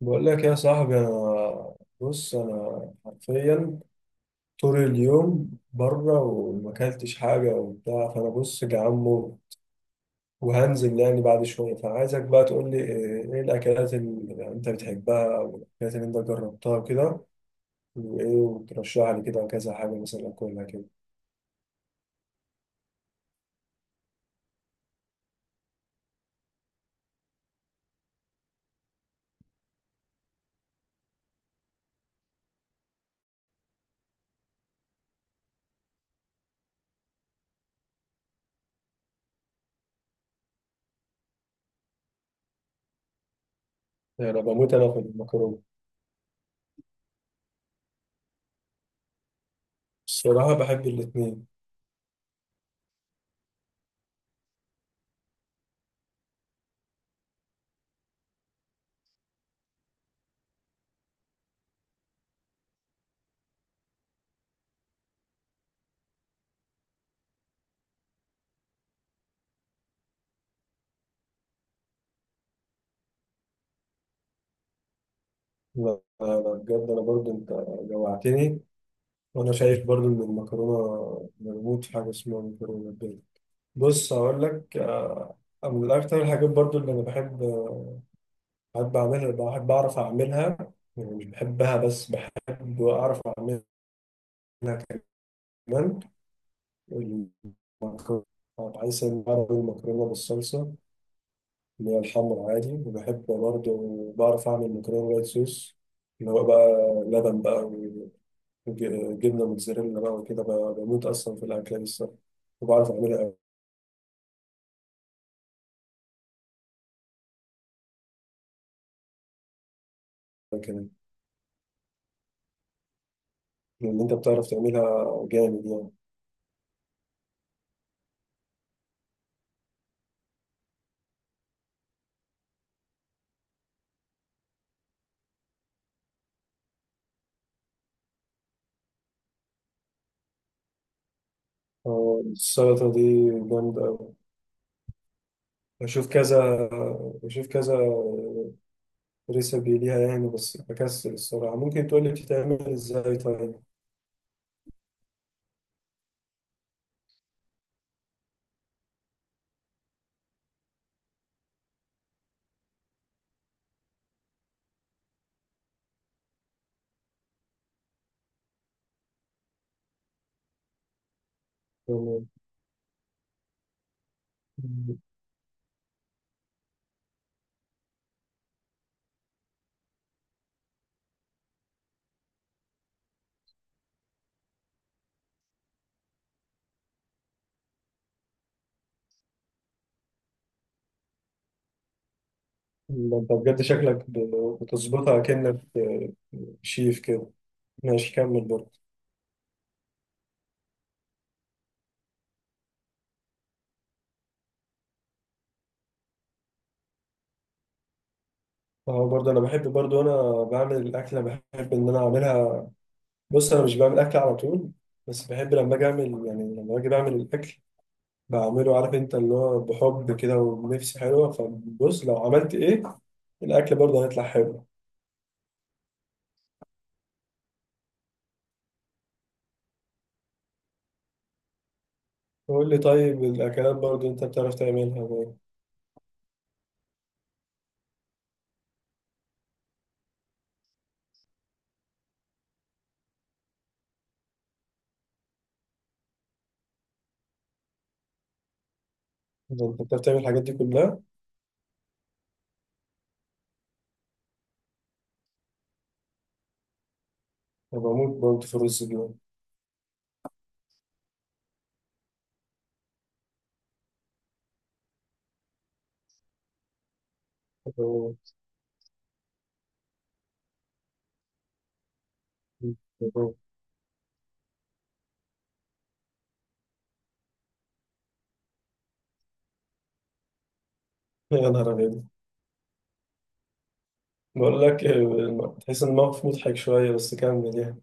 بقول لك يا صاحبي انا حرفيا طول اليوم بره وما اكلتش حاجه وبتاع، فانا بص جعان موت وهنزل يعني بعد شويه. فعايزك بقى تقول لي ايه الاكلات اللي انت بتحبها او الاكلات اللي انت جربتها كده، وايه وترشح لي كده كذا حاجه مثلا اكلها كده. يعني انا بموت في المكرونه. الصراحه بحب الاثنين. انا بجد انا برضو انت جوعتني. وانا شايف برضو ان المكرونه مربوط في حاجه اسمها مكرونه بيض. بص هقول لك، من أكتر الحاجات برضو اللي أنا بحب بحب أعملها، بحب أعرف أعملها. يعني مش بحبها بس بحب أعرف أعملها كمان. المكرونة، بحيث إن بعرف أعمل المكرونة بالصلصة اللي هي الحمر عادي. وبحب برضو بعرف أعمل مكرونة وايت صوص، اللي هو بقى لبن بقى وجبنة موتزاريلا بقى وكده، بقى بموت أصلا في الأكلة دي الصراحة. وبعرف أعملها أوي كمان، لأن أنت بتعرف تعملها جامد يعني. السلطة دي جامدة أوي. بشوف كذا بشوف كذا ريسبي ليها يعني، بس بكسل الصراحة. ممكن تقولي بتتعمل ازاي طيب؟ يعني ده انت بجد شكلك بتظبطها كأنك شيف كده. ماشي، كمل برضه. اه برضه انا بحب، برضه انا بعمل الاكله بحب ان انا اعملها. بص انا مش بعمل اكل على طول، بس بحب لما اجي اعمل، يعني لما اجي بعمل الاكل بعمله عارف انت اللي هو بحب كده ونفسي حلوة. فبص لو عملت ايه، الأكل برضه هيطلع حلو. قول لي طيب الأكلات برضه انت بتعرف تعملها بقى. إذا انت بتعرف تعمل الحاجات دي كلها. أنا بموت برضه في الرز اليوم. أوه. أوه. يا نهار أبيض، بقول لك، تحس إن الموقف مضحك شوية بس كمل يعني.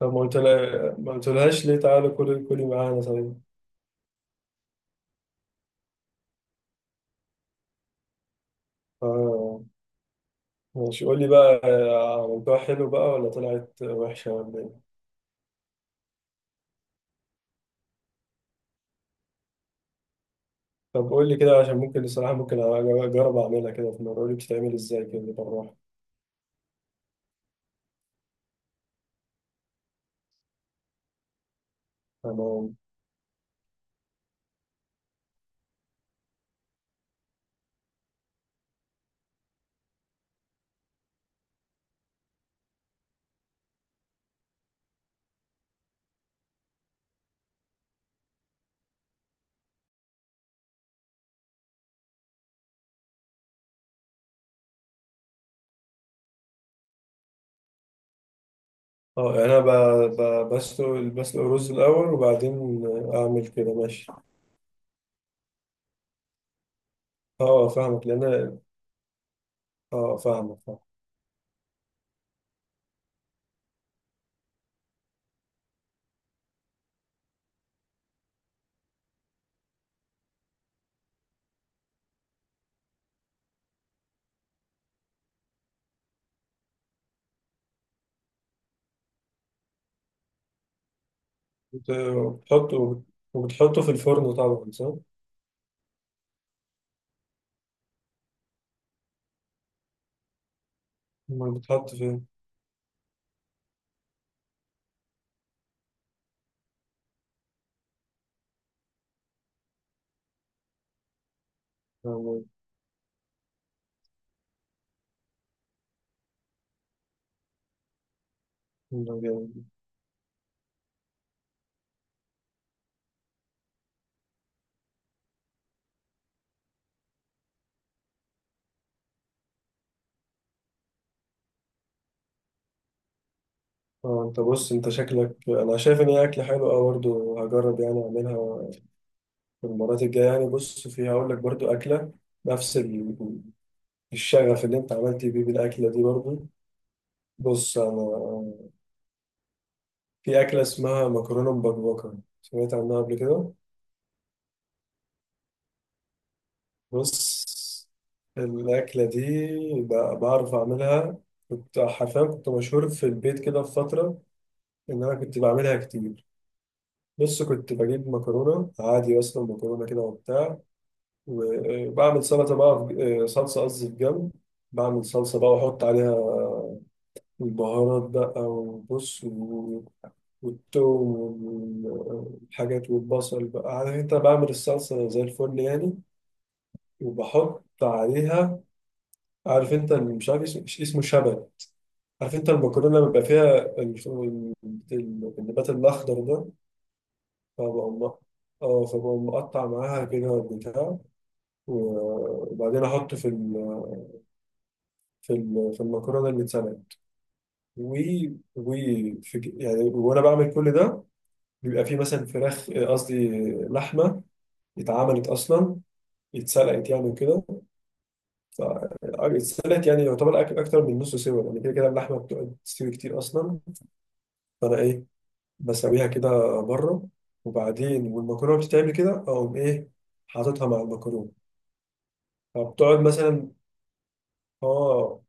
طب ما قلت لها، ما قلتلهاش ليه تعالى كلي، كلي معانا طيب؟ آه، ماشي. قول لي بقى، عملتوها حلو بقى ولا طلعت وحشة ولا إيه؟ طب قول لي كده، عشان ممكن الصراحة، ممكن أجرب أعملها كده في مرة. قول لي بتتعمل إزاي كده بالراحة. تمام. أه يعني أنا بسلق، بسلق الرز الأول وبعدين أعمل كده، ماشي؟ أه فاهمك، لأن أنا أه فاهمك فاهمك. بت- بتحطه، وبتحطه في الفرن طبعا صح؟ أمال بتحط فين؟ تمام. ده جامد. أه أنت بص، أنت شكلك. أنا شايف إن هي أكلة حلوة، أه برضه هجرب يعني أعملها في المرات الجاية يعني. بص، في هقول لك برضه أكلة نفس الشغف اللي انت عملت بيه بالاكله دي برضو. بص انا في اكله اسمها مكرونه مبكبكه، سمعت عنها قبل كده؟ بص الاكله دي بعرف اعملها. كنت حرفيا كنت مشهور في البيت كده في فتره ان انا كنت بعملها كتير. بص كنت بجيب مكرونه عادي، اصلا مكرونه كده وبتاع. وبعمل سلطه بقى في- صلصه قصدي في جنب. بعمل صلصه بقى واحط عليها البهارات بقى. وبص، والتوم والحاجات والبصل بقى، عارف انت، بعمل الصلصة زي الفل يعني. وبحط عليها، عارف انت اللي مش عارف اسمه، مش اسمه شبت؟ عارف انت المكرونة لما بيبقى فيها ال- ال- النبات الأخضر ده. فبقوم مق- اه فبقوم مقطع معاها كده بتاع وبعدين أحطه في في المكرونة اللي اتسلقت. و و يعني وانا بعمل كل ده بيبقى فيه مثلا فراخ قصدي لحمه، اتعملت اصلا اتسلقت يعني وكده. ف- اتسلقت يعني، يعتبر اكتر من نص سوا يعني، كده كده اللحمه بتقعد تستوي كتير اصلا. فانا ايه، بسويها كده بره. وبعدين والمكرونه بتتعمل كده، اقوم ايه، حاططها مع المكرونه. فبتقعد مثلا اه.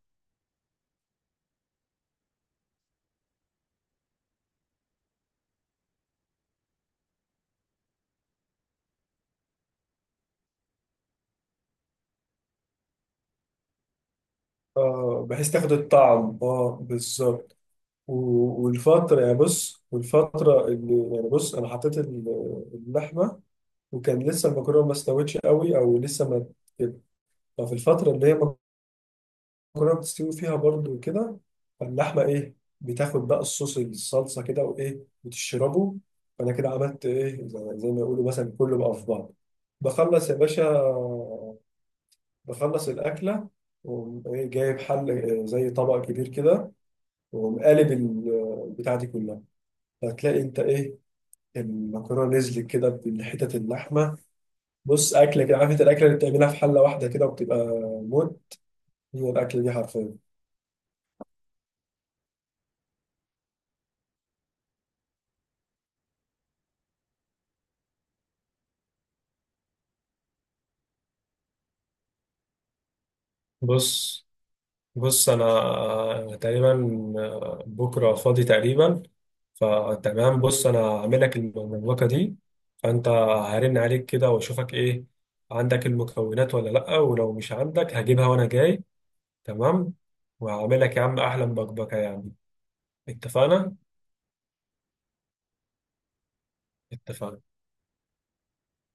اه بحيث تاخد الطعم، اه بالظبط. والفتره يعني، بص والفتره اللي يعني، بص انا حطيت اللحمه وكان لسه المكرونه ما استوتش قوي او لسه ما كده. ففي الفتره اللي هي كلها بتستوي فيها برضو كده. فاللحمة إيه، بتاخد بقى الصوص، الصلصة كده وإيه، بتشربه. فأنا كده عملت إيه، زي ما يقولوا مثلا كله بقى في بعض. بخلص يا باشا، بخلص الأكلة. وأقوم إيه، جايب حل إيه، زي طبق كبير كده. وأقوم قالب بتاع دي كلها، هتلاقي أنت إيه، المكرونة نزلت كده بحتت اللحمة. بص أكلة كده، عارف أنت، الأكلة اللي بتعملها في حلة واحدة كده وبتبقى موت هي الأكلة دي حرفيا. بص بص انا، تقريبا بكره فاضي تقريبا. فتمام، بص انا هعمل لك المبكبكه دي. فانت هرن عليك كده واشوفك ايه، عندك المكونات ولا لا؟ ولو مش عندك هجيبها وانا جاي. تمام، وهعمل لك يا عم احلى مبكبكه يعني. اتفقنا. اتفقنا.